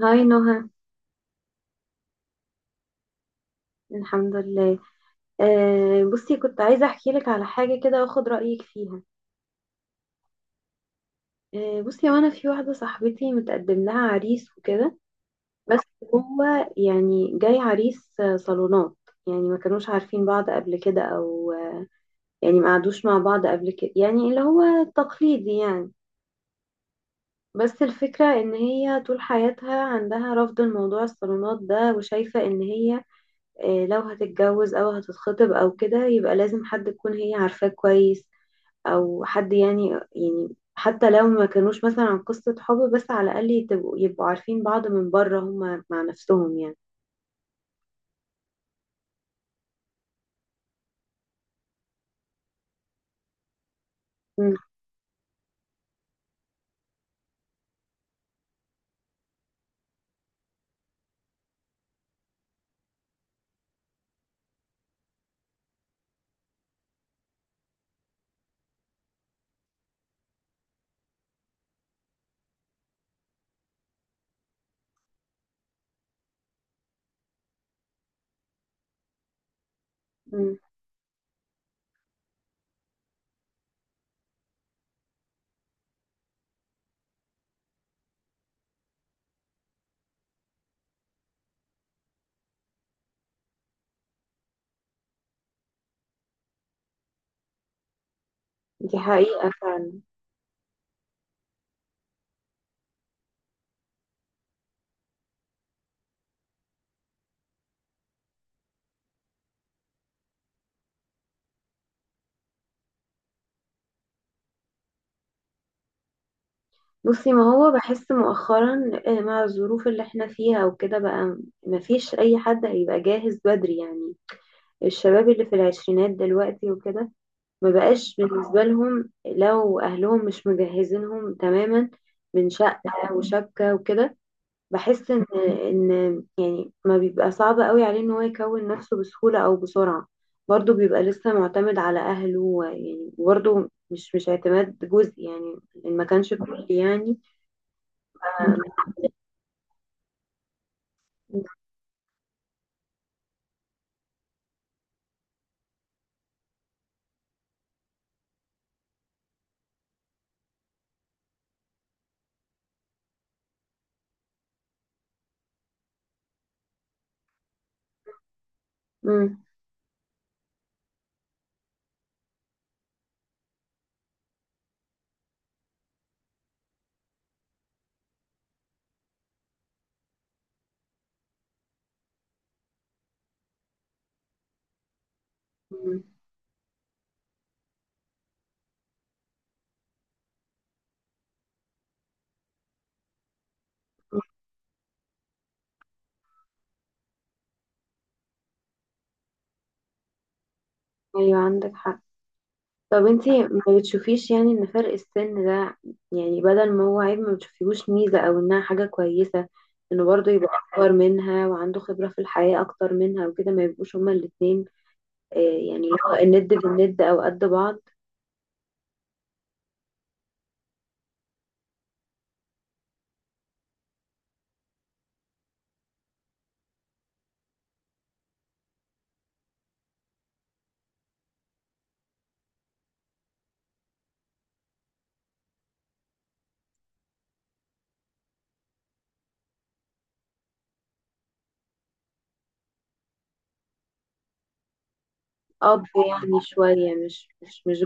هاي نهى. الحمد لله. بصي، كنت عايزة أحكي لك على حاجة كده وأخد رأيك فيها. بصي، وأنا في واحدة صاحبتي متقدم لها عريس وكده. بس هو يعني جاي عريس، صالونات. يعني ما كانوش عارفين بعض قبل كده أو يعني ما قعدوش مع بعض قبل كده، يعني اللي هو التقليدي يعني. بس الفكرة إن هي طول حياتها عندها رفض الموضوع الصالونات ده، وشايفة إن هي لو هتتجوز أو هتتخطب أو كده يبقى لازم حد تكون هي عارفاه كويس، او حد يعني. يعني حتى لو ما كانوش مثلا عن قصة حب، بس على الاقل يبقوا عارفين بعض من بره، هما مع نفسهم يعني. مم. مم. دي حقيقة فعلا. بصي، ما هو بحس مؤخرا مع الظروف اللي احنا فيها وكده بقى، ما فيش اي حد هيبقى جاهز بدري يعني. الشباب اللي في العشرينات دلوقتي وكده، ما بقاش بالنسبة لهم لو اهلهم مش مجهزينهم تماما من شقة وشبكة وكده. بحس ان يعني ما بيبقى صعب قوي عليه ان هو يكون نفسه بسهولة او بسرعة. برضه بيبقى لسه معتمد على اهله يعني برضه مش اعتماد جزئي يعني، إن ما كانش كلي يعني. امم. ايوه عندك حق. طب انتي ما بتشوفيش يعني ان فرق السن ده، يعني بدل ما هو عيب ما بتشوفيهوش ميزة او انها حاجة كويسة؟ انه برضه يبقى اكبر منها وعنده خبرة في الحياة اكتر منها وكده، ما يبقوش هما الاتنين يعني اللي هو الند بالند او قد بعض. اب يعني شوية مش.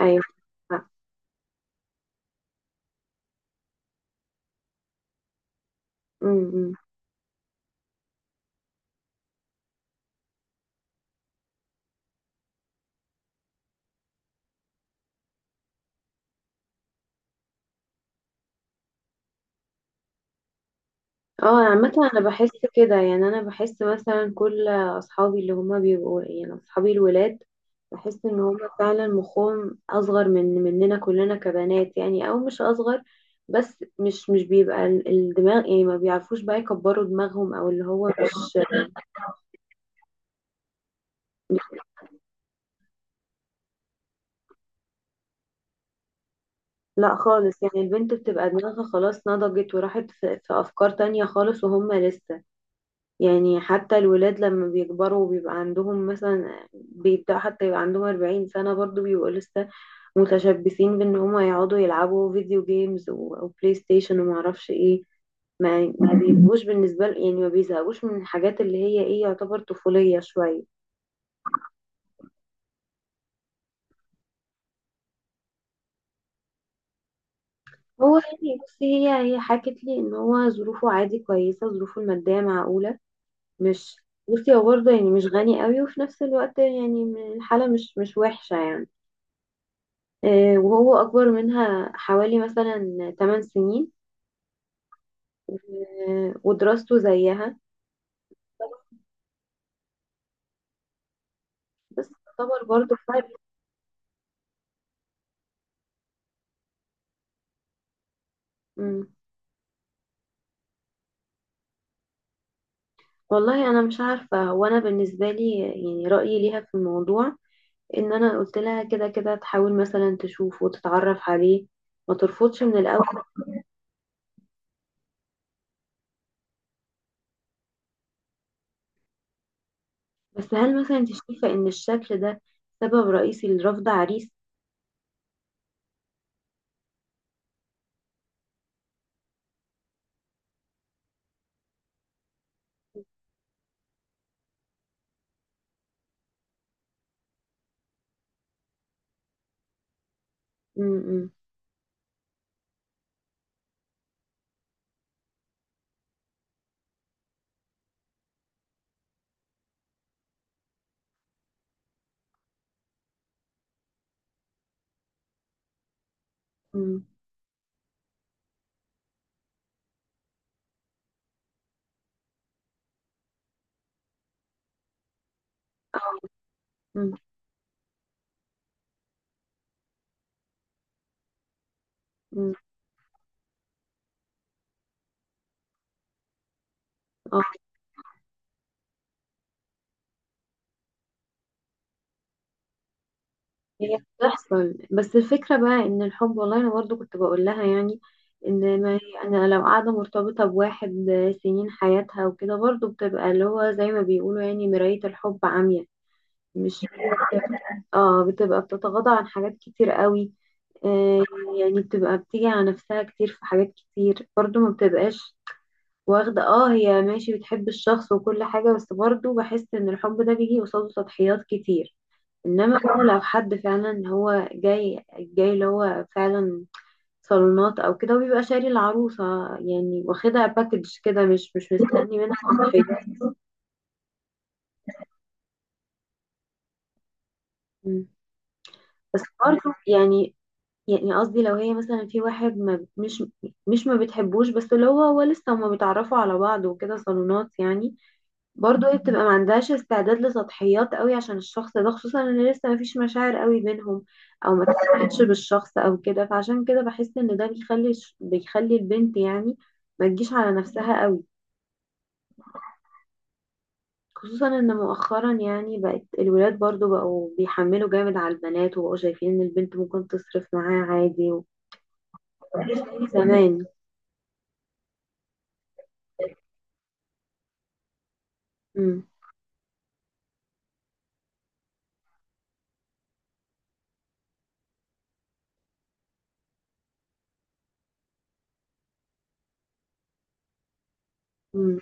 ايوه. امم. اه، عامة انا بحس كده يعني، انا بحس مثلا كل اصحابي اللي هما بيبقوا يعني اصحابي الولاد، بحس ان هما فعلا مخهم اصغر من مننا كلنا كبنات يعني، او مش اصغر، بس مش بيبقى الدماغ، يعني ما بيعرفوش بقى يكبروا دماغهم او اللي هو مش. لا خالص، يعني البنت بتبقى دماغها خلاص نضجت وراحت في أفكار تانية خالص، وهم لسه. يعني حتى الولاد لما بيكبروا وبيبقى عندهم مثلا، بيبدأ حتى يبقى عندهم 40 سنة، برضو بيبقوا لسه متشبثين بإن هما يقعدوا يلعبوا فيديو جيمز وبلاي ستيشن ومعرفش ايه. ما بيبقوش بالنسبة يعني، ما بيزهقوش من الحاجات اللي هي ايه يعتبر طفولية شوية. هو يعني بصي، هي حكت لي ان هو ظروفه عادي كويسة، ظروفه المادية معقولة، مش. بصي هو برضه يعني مش غني قوي، وفي نفس الوقت يعني الحالة مش وحشة يعني. وهو أكبر منها حوالي مثلا 8 سنين. ودراسته زيها. بس تعتبر برضه فرق. مم. والله أنا مش عارفة. هو أنا بالنسبة لي يعني رأيي ليها في الموضوع، إن أنا قلت لها كده كده تحاول مثلا تشوف وتتعرف عليه، ما ترفضش من الأول. بس هل مثلا أنت شايفة إن الشكل ده سبب رئيسي لرفض عريس؟ مم. مم. مم. مم. اه هي بتحصل، بس الفكرة بقى ان الحب. والله انا برضو كنت بقول لها يعني، ان ما هي انا لو قاعدة مرتبطة بواحد سنين حياتها وكده، برضو بتبقى اللي هو زي ما بيقولوا يعني مراية الحب عمياء، مش اه، بتبقى بتتغاضى عن حاجات كتير قوي. آه. يعني بتبقى بتيجي على نفسها كتير في حاجات كتير، برضو ما بتبقاش واخدة. اه، هي ماشي بتحب الشخص وكل حاجة، بس برضو بحس ان الحب ده بيجي قصاده تضحيات كتير. انما بقى لو حد فعلا هو جاي جاي اللي هو فعلا صالونات او كده وبيبقى شاري العروسة، يعني واخدها باكج كده، مش مستني منها حاجة. مم. بس برضه يعني، يعني قصدي لو هي مثلا في واحد ما، مش ما بتحبوش، بس اللي هو لسه هما بيتعرفوا على بعض وكده صالونات يعني. برضو هي بتبقى ما عندهاش استعداد لسطحيات قوي عشان الشخص ده، خصوصا ان لسه ما فيش مشاعر قوي بينهم، او ما تفهمش بالشخص او كده، فعشان كده بحس ان ده بيخلي بيخلي البنت يعني، ما تجيش على نفسها قوي. خصوصا ان مؤخرا يعني بقت الولاد برضو بقوا بيحملوا جامد على البنات، وبقوا شايفين ان البنت ممكن تصرف معاه عادي و مش زي زمان. امم. امم.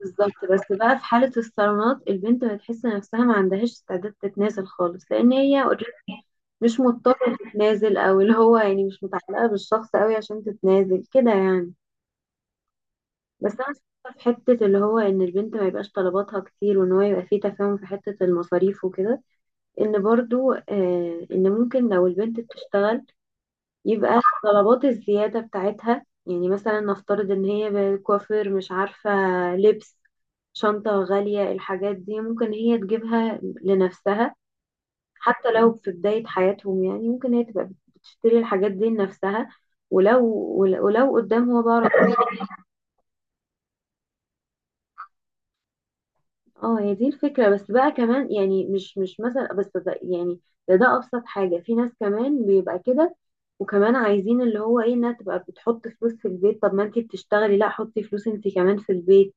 بالظبط. بس بقى في حالة الصالونات، البنت بتحس نفسها ما عندهاش استعداد تتنازل خالص، لأن هي مش مضطرة تتنازل، او اللي هو يعني مش متعلقة بالشخص قوي عشان تتنازل كده يعني. بس انا شايفة في حتة اللي هو ان البنت ما يبقاش طلباتها كتير، وان هو يبقى فيه تفاهم في حتة المصاريف وكده، ان برضو ان ممكن لو البنت بتشتغل يبقى طلبات الزيادة بتاعتها. يعني مثلا نفترض ان هي كوافير، مش عارفة، لبس، شنطة غالية، الحاجات دي ممكن هي تجيبها لنفسها، حتى لو في بداية حياتهم. يعني ممكن هي تبقى بتشتري الحاجات دي لنفسها. ولو ولو قدام هو بقى اه هي دي الفكرة، بس بقى كمان يعني مش مثلا، بس ده يعني ده أبسط حاجة. في ناس كمان بيبقى كده، وكمان عايزين اللي هو ايه، انها تبقى بتحط فلوس في البيت. طب ما انتي بتشتغلي، لا حطي فلوس انتي كمان في البيت.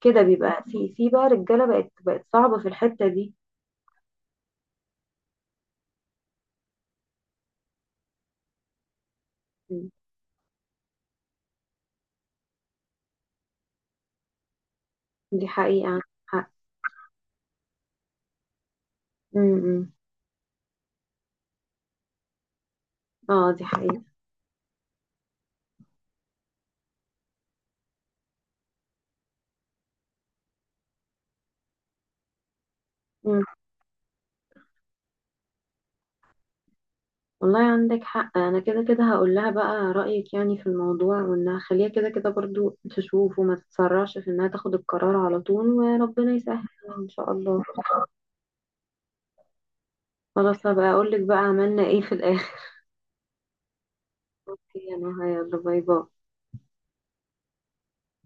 كده بيبقى في بقى رجالة بقت بقت صعبة في الحتة دي. م. دي حقيقة، عندك حق. م- م. اه، دي حقيقة. م. والله عندك حق. انا كده كده هقول لها بقى رأيك يعني في الموضوع، وان هخليها كده كده برضو تشوف وما تتسرعش في انها تاخد القرار على طول، وربنا يسهل يعني ان شاء الله. خلاص، هبقى اقول لك بقى عملنا ايه في الاخر. يلا يلا، باي باي.